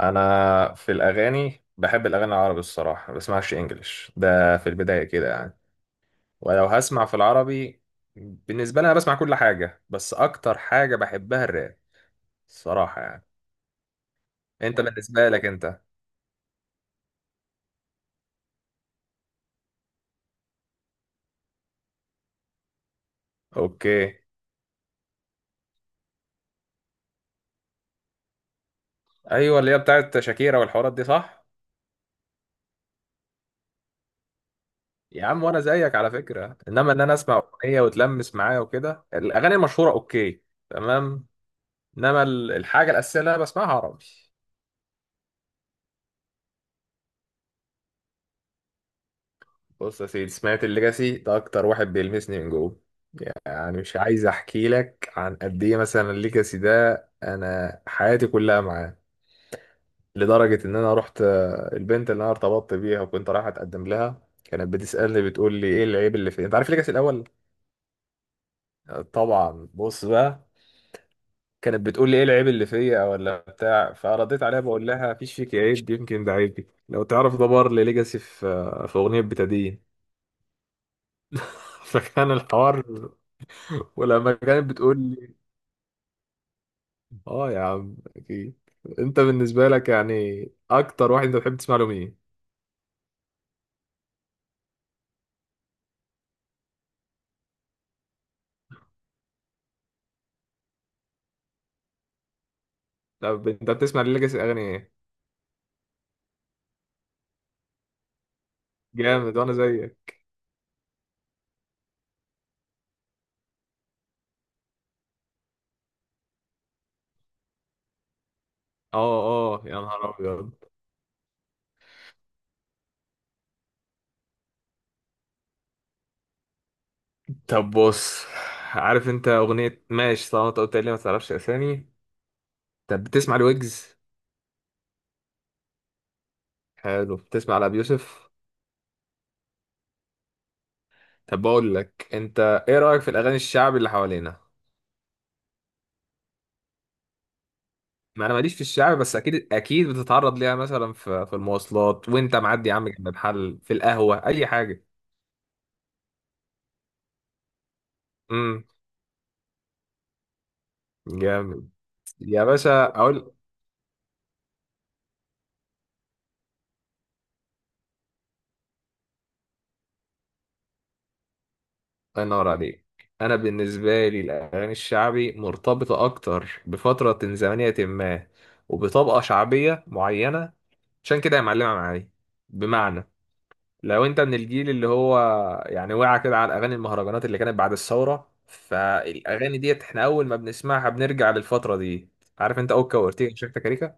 انا في الاغاني بحب الاغاني العربي الصراحه ما بسمعش انجليش ده في البدايه كده يعني، ولو هسمع في العربي. بالنسبه لي انا بسمع كل حاجه، بس اكتر حاجه بحبها الراب الصراحه يعني. انت بالنسبه لك انت؟ اوكي. ايوه، اللي هي بتاعت شاكيرا والحوارات دي، صح. يا عم وانا زيك على فكره، انما ان انا اسمع اغنيه وتلمس معايا وكده الاغاني المشهوره. اوكي، تمام. انما الحاجه الاساسيه اللي انا بسمعها عربي. بص يا سيدي، سمعت الليجاسي ده اكتر واحد بيلمسني من جوه. يعني مش عايز احكي لك عن قد ايه مثلا الليجاسي ده، انا حياتي كلها معاه. لدرجه ان انا رحت البنت اللي انا ارتبطت بيها وكنت رايح اتقدم لها، كانت بتسالني بتقول لي ايه العيب اللي فيا، انت عارف الليجاسي الاول. طبعا. بص بقى، كانت بتقول لي ايه العيب اللي فيا ولا بتاع، فرديت عليها بقول لها مفيش فيك عيب، يمكن ده عيبي. لو تعرف ده بار لليجاسي في في اغنيه بتدين. فكان الحوار، ولما كانت بتقول لي. اه يا عم اكيد. انت بالنسبه لك يعني، اكتر واحد انت بتحب تسمع له مين؟ طب انت بتسمع ليجاسي اغاني ايه؟ جامد وانا زيك. اه، اه يا نهار ابيض. طب بص، عارف انت اغنيه ماشي، طالما انت قلت لي ما تعرفش اسامي. طب بتسمع لويجز؟ حلو. بتسمع لابي يوسف؟ طب بقول لك انت، ايه رايك في الاغاني الشعبي اللي حوالينا؟ ما انا ماليش في الشعب، بس اكيد اكيد بتتعرض ليها مثلا في المواصلات وانت معدي يا عم، جنب محل، في القهوه، اي حاجه. امم. جامد. يا باشا اقول. الله ينور عليك. انا بالنسبه لي الاغاني الشعبي مرتبطه اكتر بفتره زمنيه ما، وبطبقه شعبيه معينه. عشان كده هي معلمه معايا. بمعنى، لو انت من الجيل اللي هو يعني وقع كده على اغاني المهرجانات اللي كانت بعد الثوره، فالاغاني ديت احنا اول ما بنسمعها بنرجع للفتره دي. عارف انت اوكا وارتيجا وشيكتا كاريكا؟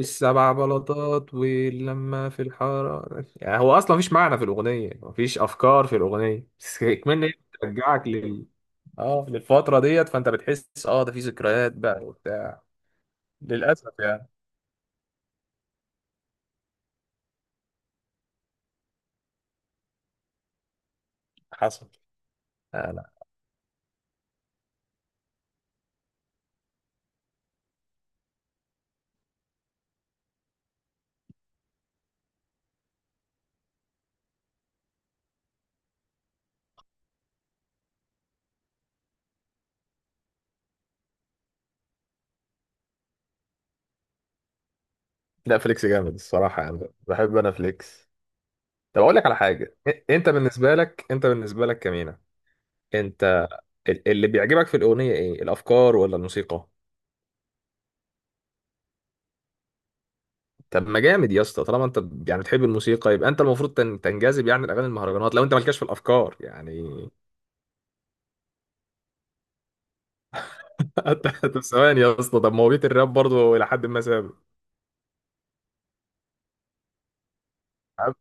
السبع بلاطات واللمة في الحرارة. يعني هو أصلا مفيش معنى في الأغنية، مفيش أفكار في الأغنية، بس كمان هي بترجعك لل، اه، للفترة ديت. فأنت بتحس اه ده في ذكريات بقى وبتاع. للأسف يعني. حصل. آه لا. لا، فليكس جامد الصراحة يعني. بحب أنا فليكس. طب أقول لك على حاجة، أنت بالنسبة لك كمينة. أنت اللي بيعجبك في الأغنية إيه؟ الأفكار ولا الموسيقى؟ طب ما جامد يا اسطى، طالما انت يعني بتحب الموسيقى يبقى انت المفروض تنجذب يعني لاغاني المهرجانات، لو انت مالكش في الافكار يعني. انت طب ثواني يا اسطى، طب ما هو بيت الراب برضه الى حد ما ثابت. يا عم،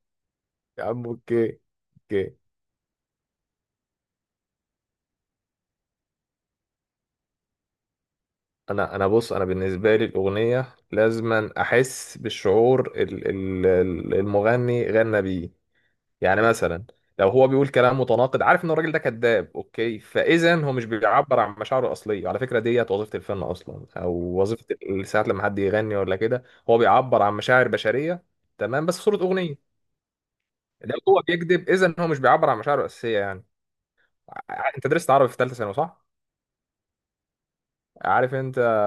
يا عم، اوكي، اوكي. انا بص، انا بالنسبه لي الاغنيه لازما احس بالشعور المغني غنى بيه. يعني مثلا لو هو بيقول كلام متناقض، عارف ان الراجل ده كذاب، اوكي، فاذا هو مش بيعبر عن مشاعره الاصليه. على فكره ديت وظيفه الفن اصلا، او وظيفه ساعات لما حد يغني ولا كده هو بيعبر عن مشاعر بشريه، تمام، بس في صوره اغنيه. لو هو بيكذب اذا هو مش بيعبر عن مشاعره الاساسيه يعني. انت درست عربي في ثالثه ثانوي، صح؟ عارف انت،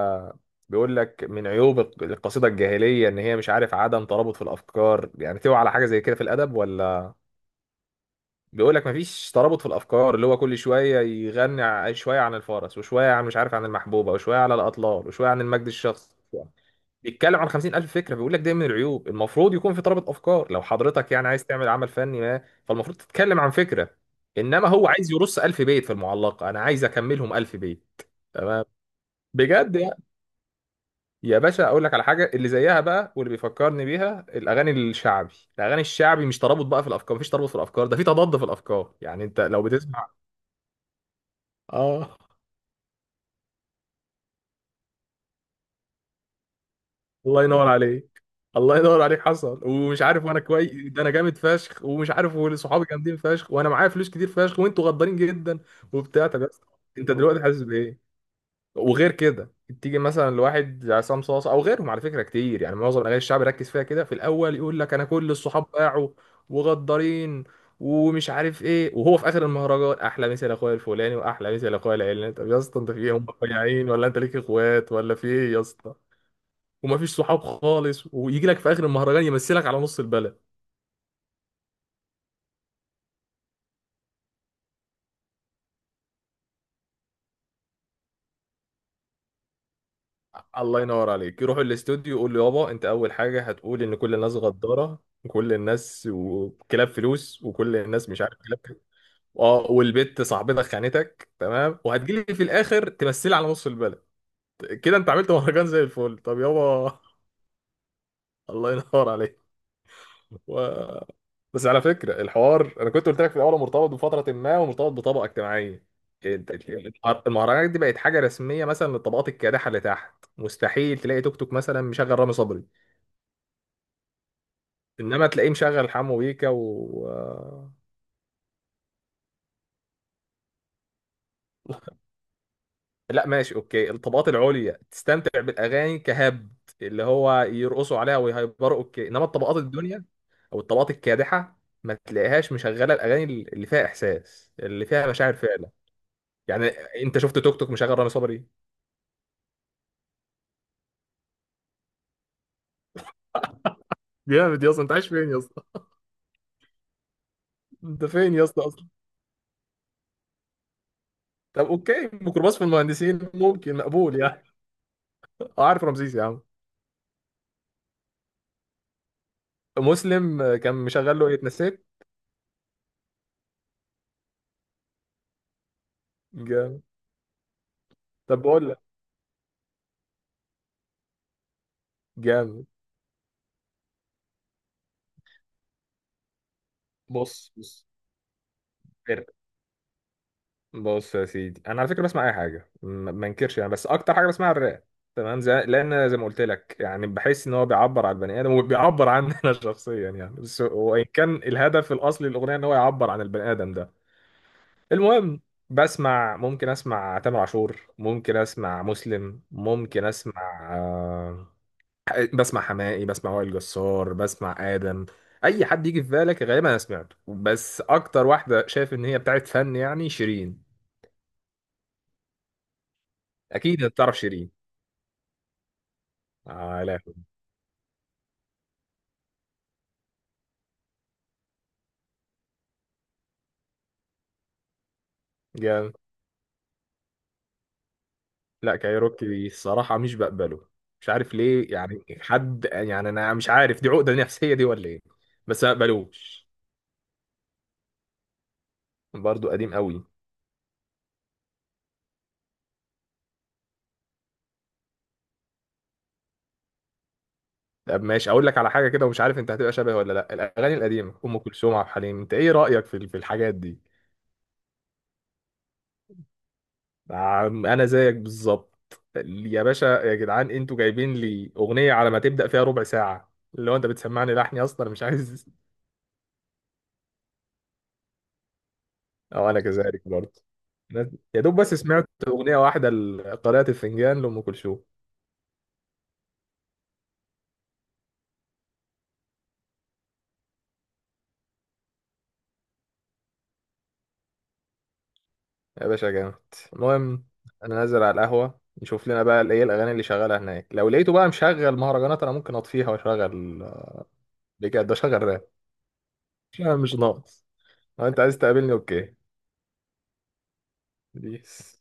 بيقول لك من عيوب القصيده الجاهليه ان هي مش عارف عدم ترابط في الافكار. يعني تقوى على حاجه زي كده في الادب ولا؟ بيقول لك مفيش ترابط في الافكار، اللي هو كل شويه يغني شويه عن الفرس وشويه عن مش عارف عن المحبوبه وشويه على الاطلال وشويه عن المجد الشخصي. بيتكلم عن 50,000 فكره، بيقول لك ده من العيوب، المفروض يكون في ترابط افكار، لو حضرتك يعني عايز تعمل عمل فني ما، فالمفروض تتكلم عن فكره. انما هو عايز يرص 1000 بيت في المعلقه، انا عايز اكملهم 1000 بيت. تمام. بجد يعني. يا باشا اقول لك على حاجه اللي زيها بقى واللي بيفكرني بيها الاغاني الشعبي. الاغاني الشعبي مش ترابط بقى في الافكار، مفيش ترابط في الافكار، ده في تضاد في الافكار. يعني انت لو بتسمع. اه. الله ينور عليك. الله ينور عليك. حصل ومش عارف، وانا كويس، ده انا جامد فشخ، ومش عارف، وصحابي جامدين فشخ، وانا معايا فلوس كتير فشخ، وانتوا غدارين جدا، وبتاع. طب يا اسطى، انت دلوقتي حاسس بايه؟ وغير كده، تيجي مثلا لواحد زي عصام صاصا او غيرهم، على فكره كتير يعني معظم الاغاني الشعب ركز فيها كده في الاول يقول لك انا كل الصحاب باعوا وغدارين ومش عارف ايه، وهو في اخر المهرجان احلى مثل اخويا الفلاني واحلى مثل اخويا العلاني. طب يا اسطى انت في ايه؟ هم مقيعين ولا انت ليك اخوات ولا في ايه يا اسطى؟ ومفيش صحاب خالص، ويجي لك في اخر المهرجان يمثلك على نص البلد. الله ينور عليك، يروح الاستوديو يقول له يابا انت اول حاجه هتقول ان كل الناس غداره وكل الناس وكلاب فلوس وكل الناس مش عارف كلاب كده. اه والبت صاحبتك خانتك تمام، وهتجيلي في الاخر تمثلي على نص البلد. كده انت عملت مهرجان زي الفل. طب يابا. الله ينور عليك. و... بس على فكرة الحوار أنا كنت قلت لك في الأول هو مرتبط بفترة ما ومرتبط بطبقة اجتماعية. ال- المهرجانات دي بقت حاجة رسمية مثلا للطبقات الكادحة اللي تحت. مستحيل تلاقي توك توك مثلا مشغل رامي صبري، إنما تلاقيه مشغل حمو بيكا و. لا ماشي أوكي، الطبقات العليا تستمتع بالأغاني كهبد، اللي هو يرقصوا عليها ويهيبروا، أوكي، إنما الطبقات الدنيا أو الطبقات الكادحة ما تلاقيهاش مشغلة الأغاني اللي فيها إحساس، اللي فيها مشاعر فعلا. يعني انت شفت توك توك مشغل رامي صبري؟ جامد يا اسطى، انت عايش فين يا اسطى؟ انت فين يا اسطى اصلا؟ طب اوكي ميكروباص في المهندسين ممكن مقبول يعني. اه عارف رمسيس يا عم. مسلم كان مشغل له ايه؟ اتنسيت. جامد. طب بقول لك. جامد. بص بص. فرق. بص يا سيدي، انا على فكره بسمع اي حاجه ما انكرش يعني، بس اكتر حاجه بسمعها الراب. تمام، زي لان زي ما قلت لك يعني بحس ان هو بيعبر عن البني ادم وبيعبر عني انا شخصيا يعني. بس وان كان الهدف الاصلي للاغنيه ان هو يعبر عن البني ادم ده. المهم، بسمع، ممكن اسمع تامر عاشور، ممكن اسمع مسلم، ممكن اسمع بسمع حماقي، بسمع وائل جسار، بسمع ادم. اي حد يجي في بالك غالبا انا سمعته، بس اكتر واحده شايف ان هي بتاعت فن يعني شيرين. اكيد انت تعرف شيرين. آه لا. جامد. لا، كايروكي الصراحه مش بقبله، مش عارف ليه يعني حد، يعني انا مش عارف دي عقده نفسيه دي ولا ايه، بس ما بقبلوش. برضه قديم قوي. طب ماشي، اقول لك على حاجه كده، ومش عارف انت هتبقى شبه ولا لا. الاغاني القديمه، ام كلثوم، عبد الحليم، انت ايه رايك في الحاجات دي؟ انا زيك بالظبط. يا باشا يا جدعان، انتوا جايبين لي اغنيه على ما تبدا فيها ربع ساعه، اللي هو انت بتسمعني لحني اصلا مش عايز. او انا كذلك برضه. أنا يا دوب بس سمعت اغنيه واحده قارئة الفنجان لام كلثوم. يا باشا جامد. المهم انا نازل على القهوه نشوف لنا بقى ايه الاغاني اللي شغاله هناك، لو لقيته بقى مشغل مهرجانات انا ممكن اطفيها واشغل، بجد اشغل راب. لا مش ناقص. لو انت عايز تقابلني اوكي. بيس.